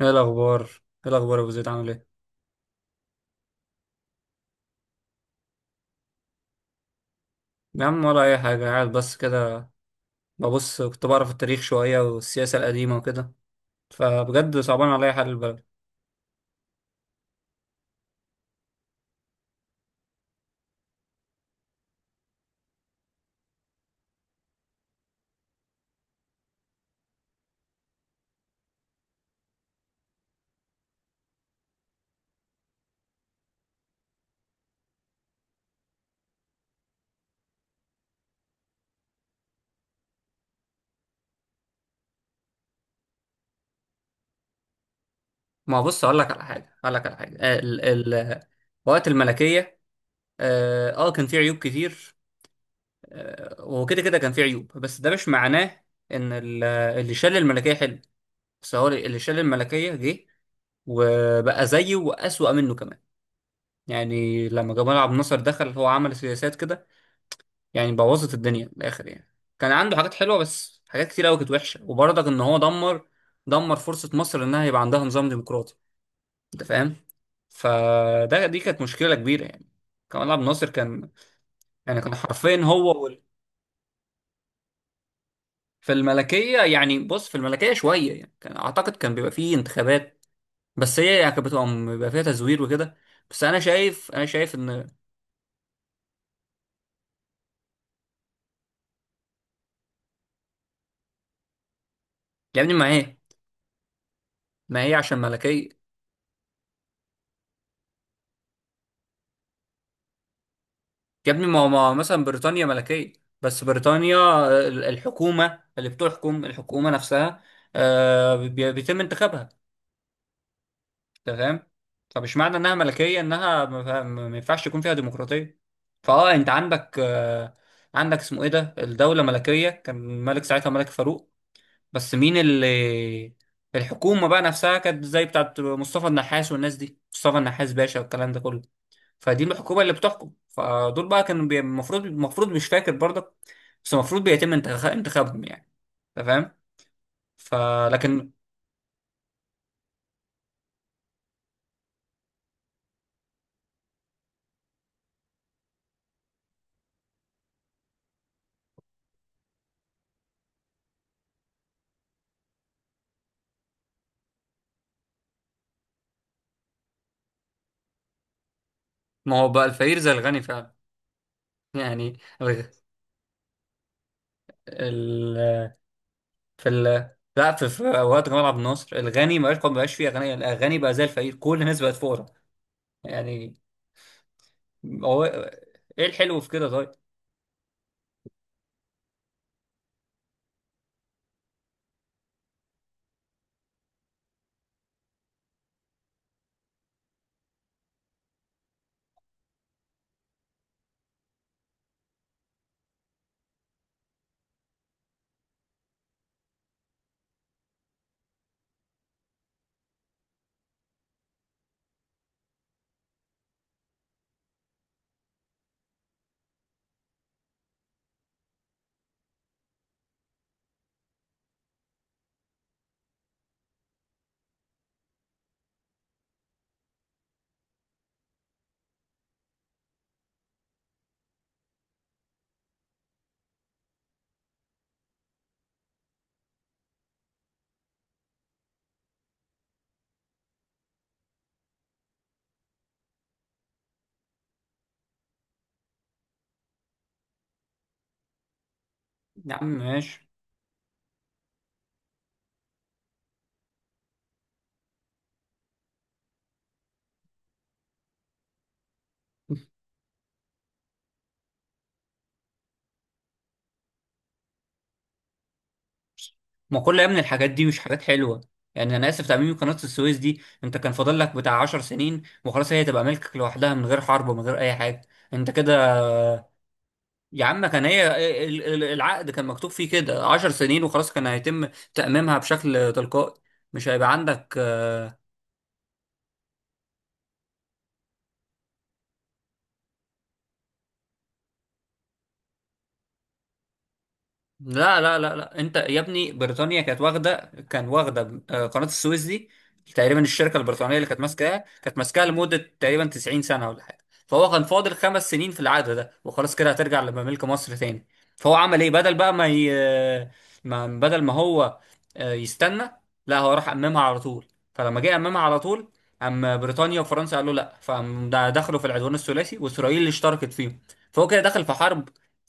ايه الاخبار ايه الاخبار يا ابو زيد، عامل ايه؟ يا عم ولا اي حاجه، قاعد بس كده ببص. كنت بعرف التاريخ شويه والسياسه القديمه وكده، فبجد صعبان عليا حال البلد. ما بص، اقول لك على حاجه، ال ال وقت الملكيه كان في عيوب كتير. وكده كان في عيوب، بس ده مش معناه ان اللي شال الملكيه حلو، بس هو اللي شال الملكيه جه وبقى زيه واسوأ منه كمان. يعني لما جمال عبد الناصر دخل، هو عمل سياسات كده يعني بوظت الدنيا من الاخر يعني. كان عنده حاجات حلوه بس حاجات كتير قوي كانت وحشه، وبرضك ان هو دمر فرصه مصر انها يبقى عندها نظام ديمقراطي، انت فاهم؟ فده دي كانت مشكله كبيره يعني. كمال عبد الناصر كان، يعني كان حرفيا هو وال... في الملكيه يعني بص، في الملكيه شويه يعني كان اعتقد كان بيبقى فيه انتخابات، بس هي يعني كانت بتبقى فيها تزوير وكده. بس انا شايف ان... يا ابني ما هي عشان ملكيه. يا ابني ما هو مثلا بريطانيا ملكية، بس بريطانيا الحكومة اللي بتحكم الحكومة نفسها، بيتم انتخابها، تمام؟ فمش معنى انها ملكية انها ما ينفعش يكون فيها ديمقراطية. انت عندك، عندك اسمه ايه ده، الدولة ملكية كان الملك ساعتها ملك فاروق، بس مين اللي... الحكومة بقى نفسها كانت زي بتاعت مصطفى النحاس والناس دي، مصطفى النحاس باشا والكلام ده كله، فدي الحكومه اللي بتحكم. فدول بقى كانوا المفروض مش فاكر برضك، بس المفروض بيتم انتخابهم يعني، انت فاهم؟ فلكن... ما هو بقى الفقير زي الغني فعلا، يعني ال... ال... في ال... لا، في اوقات جمال عبد الناصر الغني ما بقاش فيه اغنياء، الغني بقى زي الفقير، كل الناس بقت فقراء يعني. هو ايه الحلو في كده طيب؟ يا عم ماشي، ما كل يا ابني الحاجات دي مش حاجات حلوه يعني، انا اسف. تعميم قناه السويس دي، انت كان فاضل لك بتاع 10 سنين وخلاص هي تبقى ملكك لوحدها من غير حرب ومن غير اي حاجه، انت كده؟ يا عم كان هي العقد كان مكتوب فيه كده 10 سنين وخلاص، كان هيتم تأميمها بشكل تلقائي، مش هيبقى عندك. لا لا لا لا، انت يا ابني بريطانيا كانت واخده قناه السويس دي تقريبا، الشركه البريطانيه اللي كانت ماسكاها لمده تقريبا 90 سنه ولا حاجه، فهو كان فاضل 5 سنين في العقد ده وخلاص، كده هترجع لملك مصر تاني. فهو عمل ايه بدل بقى ما، بدل ما هو يستنى، لا هو راح اممها على طول، فلما جه اممها على طول اما بريطانيا وفرنسا قالوا لا، فقام ده دخلوا في العدوان الثلاثي واسرائيل اللي اشتركت فيهم. فهو كده دخل في حرب،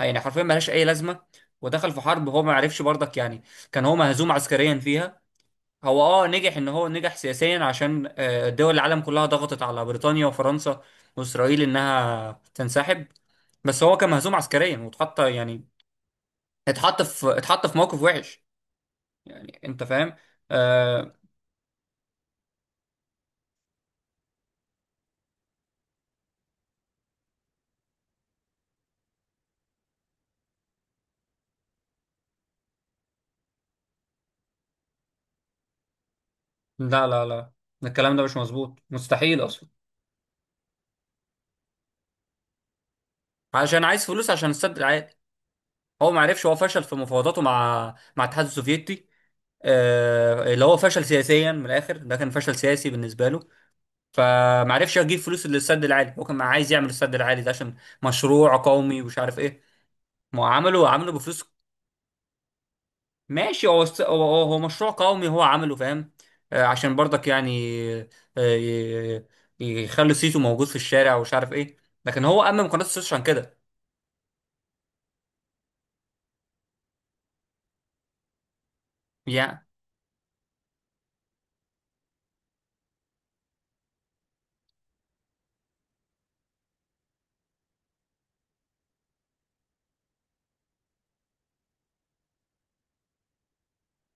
يعني حرفيا ملهاش اي لازمه، ودخل في حرب هو ما عرفش برضك يعني. كان هو مهزوم عسكريا فيها، هو نجح، ان هو نجح سياسيا عشان دول العالم كلها ضغطت على بريطانيا وفرنسا واسرائيل انها تنسحب، بس هو كان مهزوم عسكريا واتحط يعني، اتحط في موقف وحش، يعني انت فاهم؟ آه لا لا لا الكلام ده مش مظبوط مستحيل اصلا. عشان عايز فلوس عشان السد العالي، هو ما عرفش، هو فشل في مفاوضاته مع الاتحاد السوفيتي، اللي هو فشل سياسيا من الاخر، ده كان فشل سياسي بالنسبه له، فمعرفش اجيب فلوس للسد العالي. هو كان عايز يعمل السد العالي ده عشان مشروع قومي ومش عارف ايه. ما هو عمله بفلوس، ماشي، هو هو مشروع قومي، هو عمله، فاهم؟ عشان برضك يعني، آه، ي- يخلي صيته موجود في الشارع ومش عارف ايه، لكن هو أمم قناة السويس عشان كده. يا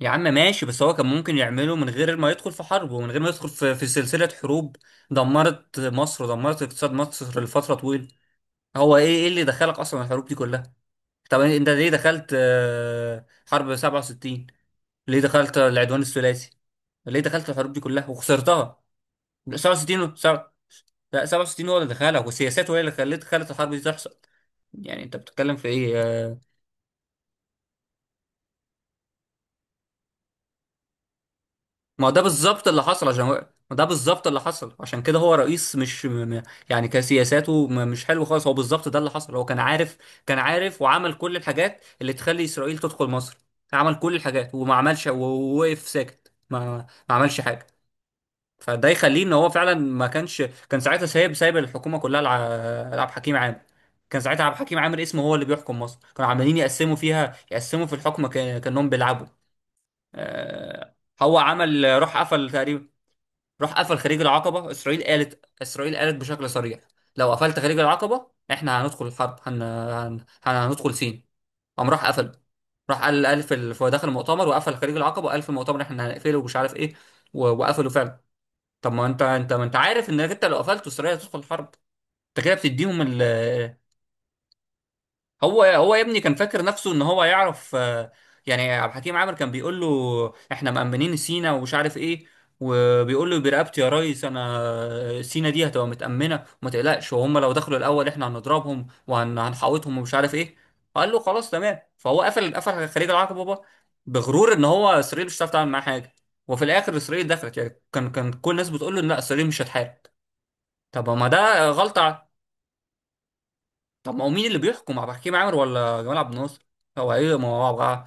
يا عم ماشي، بس هو كان ممكن يعمله من غير ما يدخل في حرب ومن غير ما يدخل في، سلسلة حروب دمرت مصر ودمرت اقتصاد مصر لفترة طويلة. هو ايه اللي دخلك اصلا الحروب دي كلها؟ طب انت ليه دخلت حرب 67؟ ليه دخلت العدوان الثلاثي؟ ليه دخلت الحروب دي كلها وخسرتها؟ 67 و- سبعة- لا 67 هو اللي دخلها، وسياساته هي اللي خلت الحرب دي تحصل، يعني انت بتتكلم في ايه ما هو ده بالظبط اللي حصل، عشان ما ده بالظبط اللي حصل، عشان كده هو رئيس مش يعني كسياساته مش حلو خالص. هو بالظبط ده اللي حصل، هو كان عارف، كان عارف وعمل كل الحاجات اللي تخلي اسرائيل تدخل مصر، عمل كل الحاجات وما عملش ووقف ساكت ما عملش حاجة، فده يخليه ان هو فعلا ما كانش. كان ساعتها سايب الحكومه كلها لعبد الحكيم عامر، كان ساعتها عبد الحكيم عامر اسمه هو اللي بيحكم مصر، كانوا عمالين يقسموا فيها، يقسموا في الحكم، كانهم بيلعبوا. آه، هو عمل، راح قفل تقريبا، راح قفل خليج العقبه. اسرائيل قالت بشكل صريح، لو قفلت خليج العقبه احنا هندخل الحرب، هندخل سين، قام راح قفل. راح قال في داخل المؤتمر وقفل خليج العقبه، وقال في المؤتمر احنا هنقفله ومش عارف ايه، وقفلوا فعلا. طب ما انت انت ما انت عارف انك انت لو قفلت اسرائيل هتدخل حرب، انت كده بتديهم ال... هو يا ابني كان فاكر نفسه ان هو يعرف يعني. عبد الحكيم عامر كان بيقول له احنا مأمنين سينا ومش عارف ايه، وبيقول له برقبتي يا ريس انا سينا دي هتبقى متأمنة وما تقلقش، وهم لو دخلوا الاول احنا هنضربهم وهنحوطهم ومش عارف ايه، قال له خلاص تمام. فهو قفل خليج العقبة بقى بغرور، ان هو اسرائيل مش هتعرف تعمل معاه حاجة، وفي الاخر اسرائيل دخلت يعني، كان كل الناس بتقول له إن لا اسرائيل مش هتحارب، طب ما ده غلطة. طب ما هو مين اللي بيحكم، عبد الحكيم عامر ولا جمال عبد الناصر؟ هو ايه؟ ما هو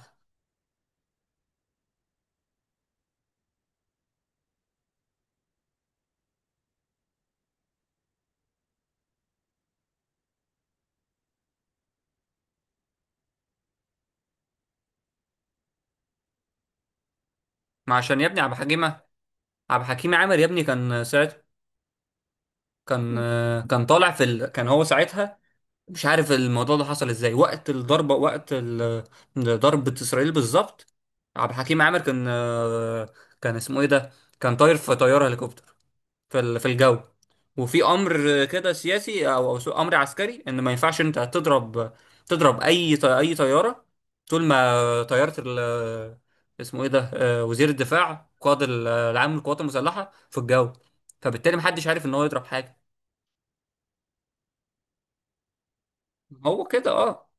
ما، عشان يا ابني عبد الحكيم عامر يا ابني كان ساعتها، كان كان طالع في ال... كان هو ساعتها مش عارف الموضوع ده حصل ازاي وقت الضربة، وقت ال... ضربة اسرائيل بالظبط. عبد الحكيم عامر كان اسمه ايه ده، كان طاير في طيارة هليكوبتر في في الجو، وفي امر كده سياسي او أو امر عسكري، ان ما ينفعش انت تضرب، تضرب اي اي طياره، طول ما طياره ال... اسمه ايه ده وزير الدفاع قائد العام للقوات المسلحه في الجو، فبالتالي محدش عارف ان هو يضرب حاجه. هو كده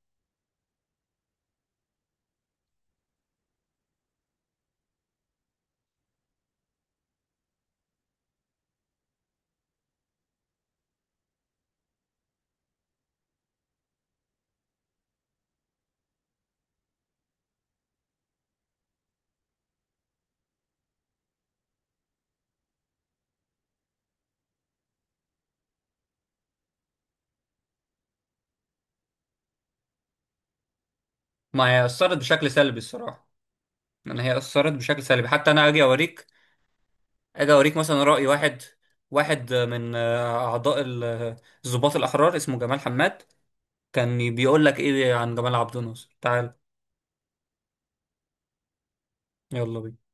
ما هي اثرت بشكل سلبي الصراحه، يعني هي اثرت بشكل سلبي، حتى انا اجي اوريك، اجي اوريك مثلا راي واحد، واحد من اعضاء الضباط الاحرار اسمه جمال حماد، كان بيقول لك ايه عن جمال عبد الناصر؟ تعال، يلا بينا.